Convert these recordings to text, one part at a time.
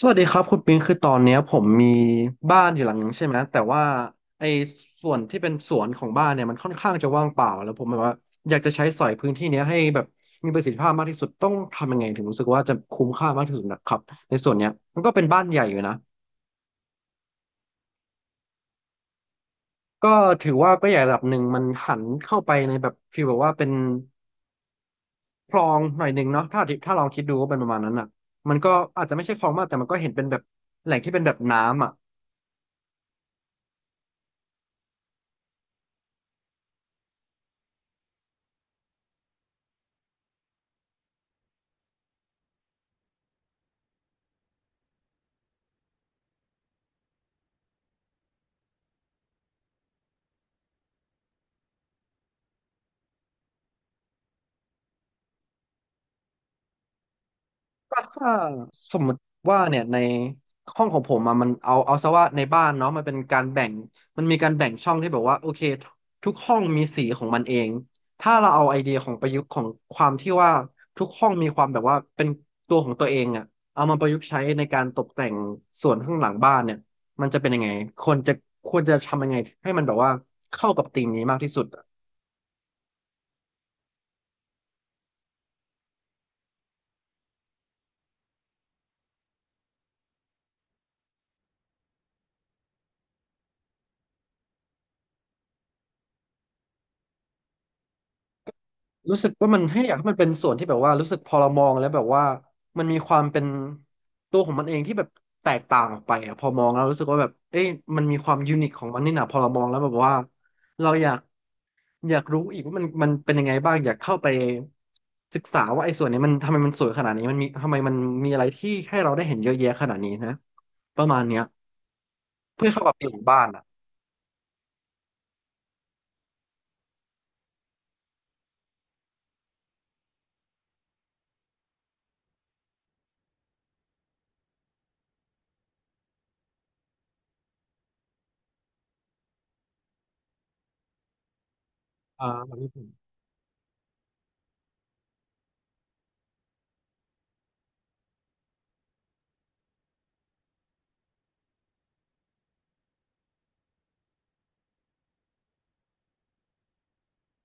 สวัสดีครับคุณปิงคือตอนเนี้ยผมมีบ้านอยู่หลังนึงใช่ไหมแต่ว่าไอ้ส่วนที่เป็นสวนของบ้านเนี่ยมันค่อนข้างจะว่างเปล่าแล้วผมแบบว่าอยากจะใช้สอยพื้นที่เนี้ยให้แบบมีประสิทธิภาพมากที่สุดต้องทำยังไงถึงรู้สึกว่าจะคุ้มค่ามากที่สุดนะครับในส่วนเนี้ยมันก็เป็นบ้านใหญ่อยู่นะก็ถือว่าก็ใหญ่ระดับหนึ่งมันหันเข้าไปในแบบฟีลแบบว่าเป็นคลองหน่อยหนึ่งเนาะถ้าลองคิดดูก็เป็นประมาณนั้นอ่ะมันก็อาจจะไม่ใช่คลองมากแต่มันก็เห็นเป็นแบบแหล่งที่เป็นแบบน้ำอ่ะ ก็ถ้าสมมติว่าเนี่ยในห้องของผมอะมันเอาซะว่าในบ้านเนาะมันเป็นการแบ่งมันมีการแบ่งช่องที่แบบว่าโอเคทุกห้องมีสีของมันเองถ้าเราเอาไอเดียของประยุกต์ของความที่ว่าทุกห้องมีความแบบว่าเป็นตัวของตัวเองอะเอามาประยุกต์ใช้ในการตกแต่งส่วนข้างหลังบ้านเนี่ยมันจะเป็นยังไงควรจะควรจะทำยังไงให้มันแบบว่าเข้ากับธีมนี้มากที่สุด รู้สึกว่ามันให้อยากให้มันเป็นส่วนที่แบบว่ารู้สึกพอเรามองแล้วแบบว่ามันมีความเป็นตัวของมันเองที่แบบแตกต่างออกไปอะพอมองแล้วรู้สึกว่าแบบเอ้ยมันมีความยูนิคของมันนี่นะพอเรามองแล้วแบบว่าเราอยากรู้อีกว่ามันมันเป็นยังไงบ้างอยากเข้าไปศึกษาว่าไอ้ส่วนนี้มันทำไมมันสวยขนาดนี้มันมีทำไมมันมีอะไรที่ให้เราได้เห็นเยอะแยะขนาดนี้นะประมาณเนี้ยเพื่อเข้ากับธีมของบ้านอ่ะอ่าแบบนี้ผม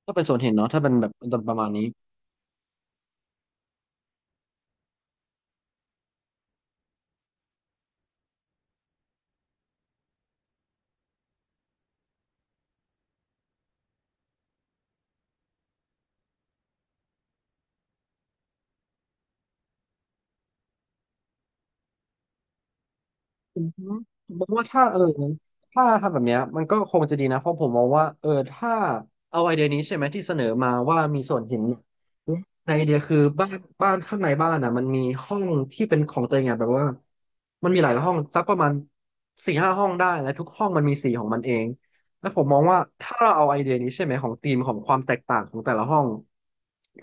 ก็เป็นส่วนเห็นเนาะถ้าเป็นแบบตอนประมาณนี้ ผมมองว่าถ้าถ้าทำแบบเนี้ยมันก็คงจะดีนะเพราะผมมองว่าถ้าเอาไอเดียนี้ใช่ไหมที่เสนอมาว่ามีส่วนเห็นในไอเดียคือบ้านข้างในบ้านอ่ะมันมีห้องที่เป็นของตัวเองอ่ะแบบว่ามันมีหลายห้องสักประมาณสี่ห้าห้องได้และทุกห้องมันมีสีของมันเองแล้วผมมองว่าถ้าเราเอาไอเดียนี้ใช่ไหมของธีมของความแตกต่างของแต่ละห้อง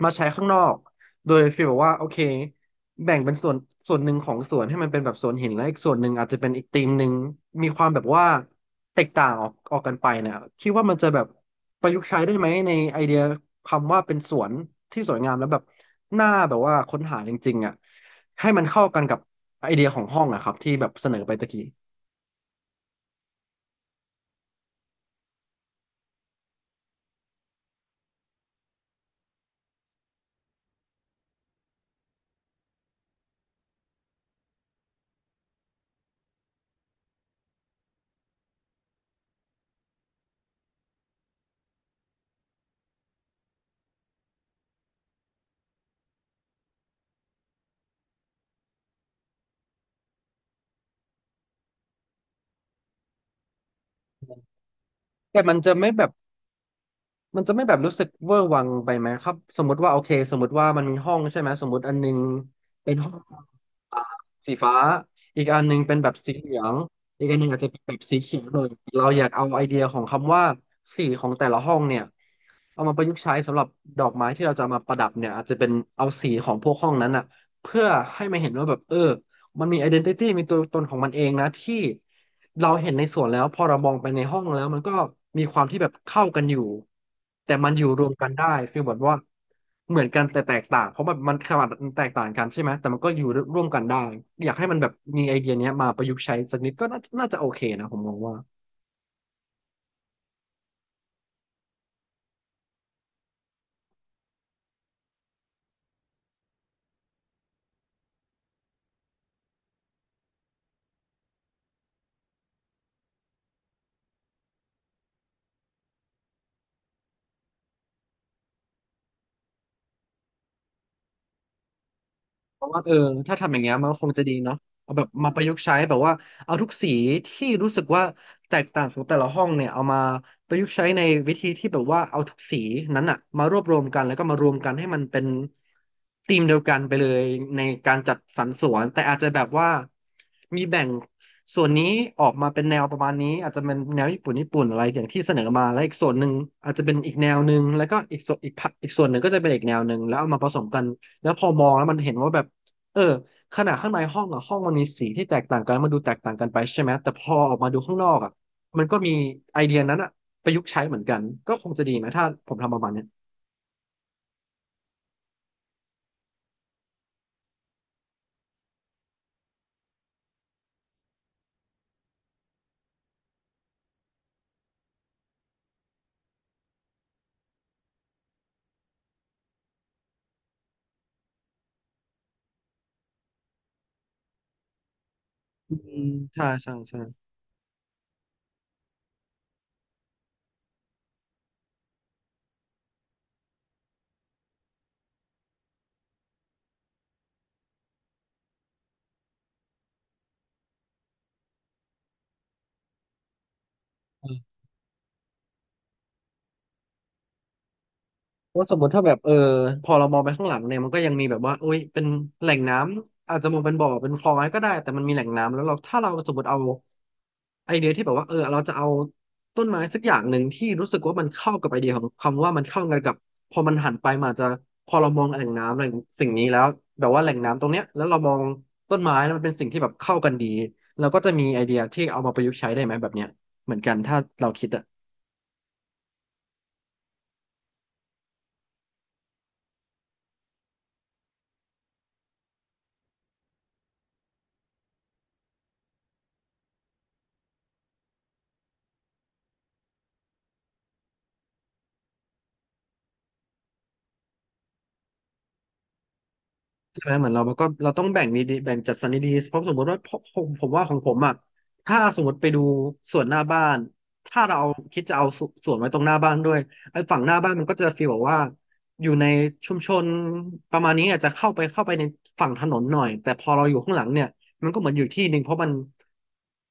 มาใช้ข้างนอกโดยฟีลแบบว่าโอเค แบ่งเป็นส่วนส่วนหนึ่งของสวนให้มันเป็นแบบสวนหินและอีกส่วนหนึ่งอาจจะเป็นอีกธีมหนึ่งมีความแบบว่าแตกต่างออกกันไปนะคิดว่ามันจะแบบประยุกต์ใช้ได้ไหมในไอเดียคำว่าเป็นสวนที่สวยงามแล้วแบบหน่าแบบว่าค้นหาจริงๆอ่ะให้มันเข้ากันกับไอเดียของห้องอะครับที่แบบเสนอไปตะกี้แต่มันจะไม่แบบ มันจะไม่แบบรู้สึกเวอร์วังไปไหมครับสมมติว่าโอเคสมมติว่ามันมีห้องใช่ไหมสมมติอันหนึงเป็นห้องอ่าสีฟ้าอีกอันหนึงเป็นแบบสีเหลืองอีกอันหนึงอาจจะเป็นแบบสีเขียวเลยเราอยากเอาไอเดียของคำว่าสีของแต่ละห้องเนี่ยเอามาประยุกต์ใช้สำหรับดอกไม้ที่เราจะมาประดับเนี่ยอาจจะเป็นเอาสีของพวกห้องนั้นอ่ะเพื่อให้มันเห็นว่าแบบมันมี identity มีตัวตนของมันเองนะที่เราเห็นในสวนแล้วพอเรามองไปในห้องแล้วมันก็มีความที่แบบเข้ากันอยู่แต่มันอยู่รวมกันได้ฟีลแบบว่าเหมือนกันแต่แตกต่างเพราะมันมันขนาดมันแตกต่างกันใช่ไหมแต่มันก็อยู่ร่วมกันได้อยากให้มันแบบมีไอเดียเนี้ยมาประยุกต์ใช้สักนิดก็น่าจะโอเคนะผมมองว่า เพราะว่าถ้าทำอย่างเงี้ยมันก็คงจะดีเนาะเอาแบบมาประยุกต์ใช้แบบว่าเอาทุกสีที่รู้สึกว่าแตกต่างของแต่ละห้องเนี่ยเอามาประยุกต์ใช้ในวิธีที่แบบว่าเอาทุกสีนั้นอะมารวบรวมกันแล้วก็มารวมกันให้มันเป็นธีมเดียวกันไปเลยในการจัดสรรสวนแต่อาจจะแบบว่ามีแบ่งส่วนนี้ออกมาเป็นแนวประมาณนี้อาจจะเป็นแนวญี่ปุ่นญี่ปุ่นอะไรอย่างที่เสนอมาแล้วอีกส่วนหนึ่งอาจจะเป็นอีกแนวหนึ่งแล้วก็อีกส่วนอีกพักอีกส่วนหนึ่งก็จะเป็นอีกแนวหนึ่งแล้วเอามาผสมกันแล้วพอมองแล้วมันเห็นว่าแบบ เออขนาดข้างในห้องอะห้องมันมีสีที่แตกต่างกันมันดูแตกต่างกันไปใช่ไหมแต่พอออกมาดูข้างนอกอะมันก็มีไอเดียนั้นอะประยุกต์ใช้เหมือนกันก็คงจะดีไหมถ้าผมทำประมาณเนี้ยอืมใช่ใช่ใช่ ว่าสมมติถ้าแบบพอเรามองไปข้างหลังเนี่ยมันก็ยังมีแบบว่าโอ้ยเป็นแหล่งน้ำอาจจะมองเป็นบ่อเป็นคลองอะไรก็ได้แต่มันมีแหล่งน้ำแล้วเราถ้าเราสมมติเอาไอเดียที่แบบว่าเราจะเอาต้นไม้สักอย่างหนึ่งที่รู้สึกว่ามันเข้ากับไอเดียของคำว่ามันเข้ากันกับพอมันหันไปมันอาจจะพอเรามองแหล่งน้ำแหล่งสิ่งนี้แล้วแบบว่าแหล่งน้ำตรงเนี้ยแล้วเรามองต้นไม้แล้วมันเป็นสิ่งที่แบบเข้ากันดีเราก็จะมีไอเดียที่เอามาประยุกต์ใช้ได้ไหมแบบเนี้ยเหมือนกันถ้าเราคิดอะ ใช่ไหมเหมือนเราก็เราต้องแบ่งดีๆแบ่งจัดสรรดีๆเพราะสมมติว่าผมว่าของผมอ่ะถ้าสมมติไปดูสวนหน้าบ้านถ้าเราเอาคิดจะเอาสสวนไว้ตรงหน้าบ้านด้วยไอ้ฝั่งหน้าบ้านมันก็จะฟีลแบบว่าอยู่ในชุมชนประมาณนี้อาจจะเข้าไปในฝั่งถนนหน่อยแต่พอเราอยู่ข้างหลังเนี่ยมันก็เหมือนอยู่ที่หนึ่งเพราะมัน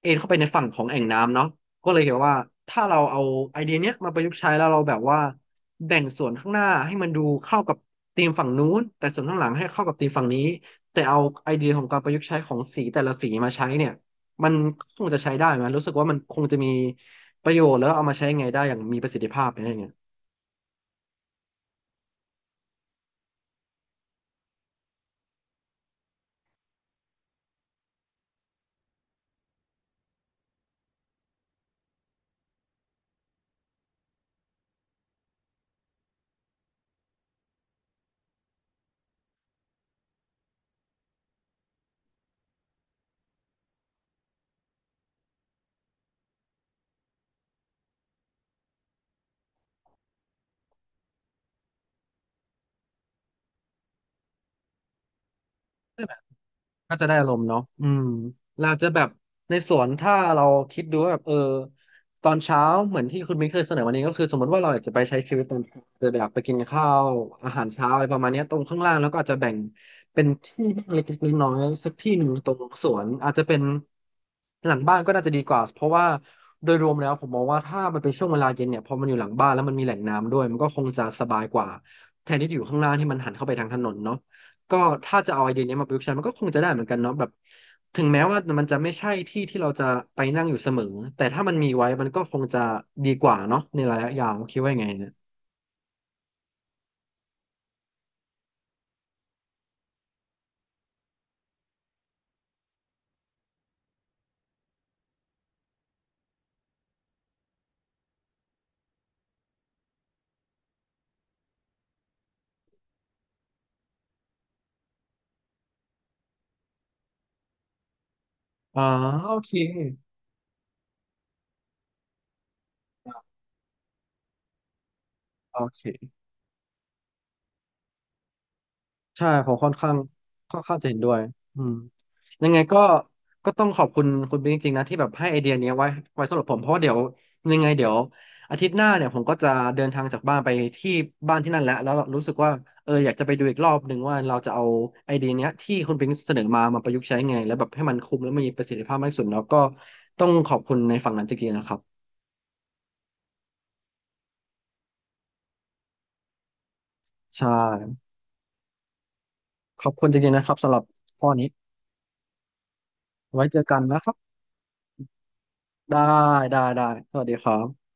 เอนเข้าไปในฝั่งของแอ่งน้ำเนาะก็เลยเห็นว่าถ้าเราเอาไอเดียเนี้ยมาประยุกต์ใช้แล้วเราแบบว่าแบ่งส่วนข้างหน้าให้มันดูเข้ากับ ธีมฝั่งนู้นแต่ส่วนข้างหลังให้เข้ากับธีมฝั่งนี้แต่เอาไอเดียของการประยุกต์ใช้ของสีแต่ละสีมาใช้เนี่ยมันคงจะใช้ได้ไหมรู้สึกว่ามันคงจะมีประโยชน์แล้วเอามาใช้ไงได้อย่างมีประสิทธิภาพอะไรเงี้ย ก็จะได้อารมณ์เนาะอืมเราจะแบบในสวนถ้าเราคิดดูว่าแบบตอนเช้าเหมือนที่คุณมิ้นเคยเสนอวันนี้ก็คือสมมติว่าเราอยากจะไปใช้ชีวิตตอนจะแบบไปกินข้าวอาหารเช้าอะไรประมาณเนี้ยตรงข้างล่างแล้วก็อาจจะแบ่งเป็นที่เล็กๆน้อยๆสักที่หนึ่งตรงสวนอาจจะเป็นหลังบ้านก็น่าจะดีกว่าเพราะว่าโดยรวมแล้วผมมองว่าถ้ามันเป็นช่วงเวลาเย็นเนี่ยพอมันอยู่หลังบ้านแล้วมันมีแหล่งน้ำด้วยมันก็คงจะสบายกว่าแทนที่จะอยู่ข้างล่างที่มันหันเข้าไปทางถนนเนาะ ก็ถ้าจะเอาไอเดียนี้มาประยุกต์ใช้มันก็คงจะได้เหมือนกันเนาะแบบถึงแม้ว่ามันจะไม่ใช่ที่ที่เราจะไปนั่งอยู่เสมอแต่ถ้ามันมีไว้มันก็คงจะดีกว่าเนาะในระยะยาวคิดว่ายังไงเนี่ยอ๋อโอเคโอเค ใช่ผมค่อนข้างจะเห็นด้วยอืมยังไงก็ต้องขอบคุณคุณบิ๊กจริงๆนะที่แบบให้ไอเดียเนี้ยไว้สำหรับผมเพราะว่าเดี๋ยวยังไงเดี๋ยวอาทิตย์หน้าเนี่ยผมก็จะเดินทางจากบ้านไปที่บ้านที่นั่นแหล้วแล้วรู้สึกว่าอยากจะไปดูอีกรอบหนึ่งว่าเราจะเอาไอเดียเนี้ยที่คุณบิ๊กเสนอมามาประยุกต์ใช้ไงแล้วแบบให้มันคุ้มและมีประสิทธิภาพมากที่สุดแล้วก็ต้องขอบคุณในฝั่งนั้นจริงๆนะครับใช่ขอบคุณจริงๆนะครับสำหรับข้อนี้ไว้เจอกันนะครับได้ได้ได้สวัสดีครับ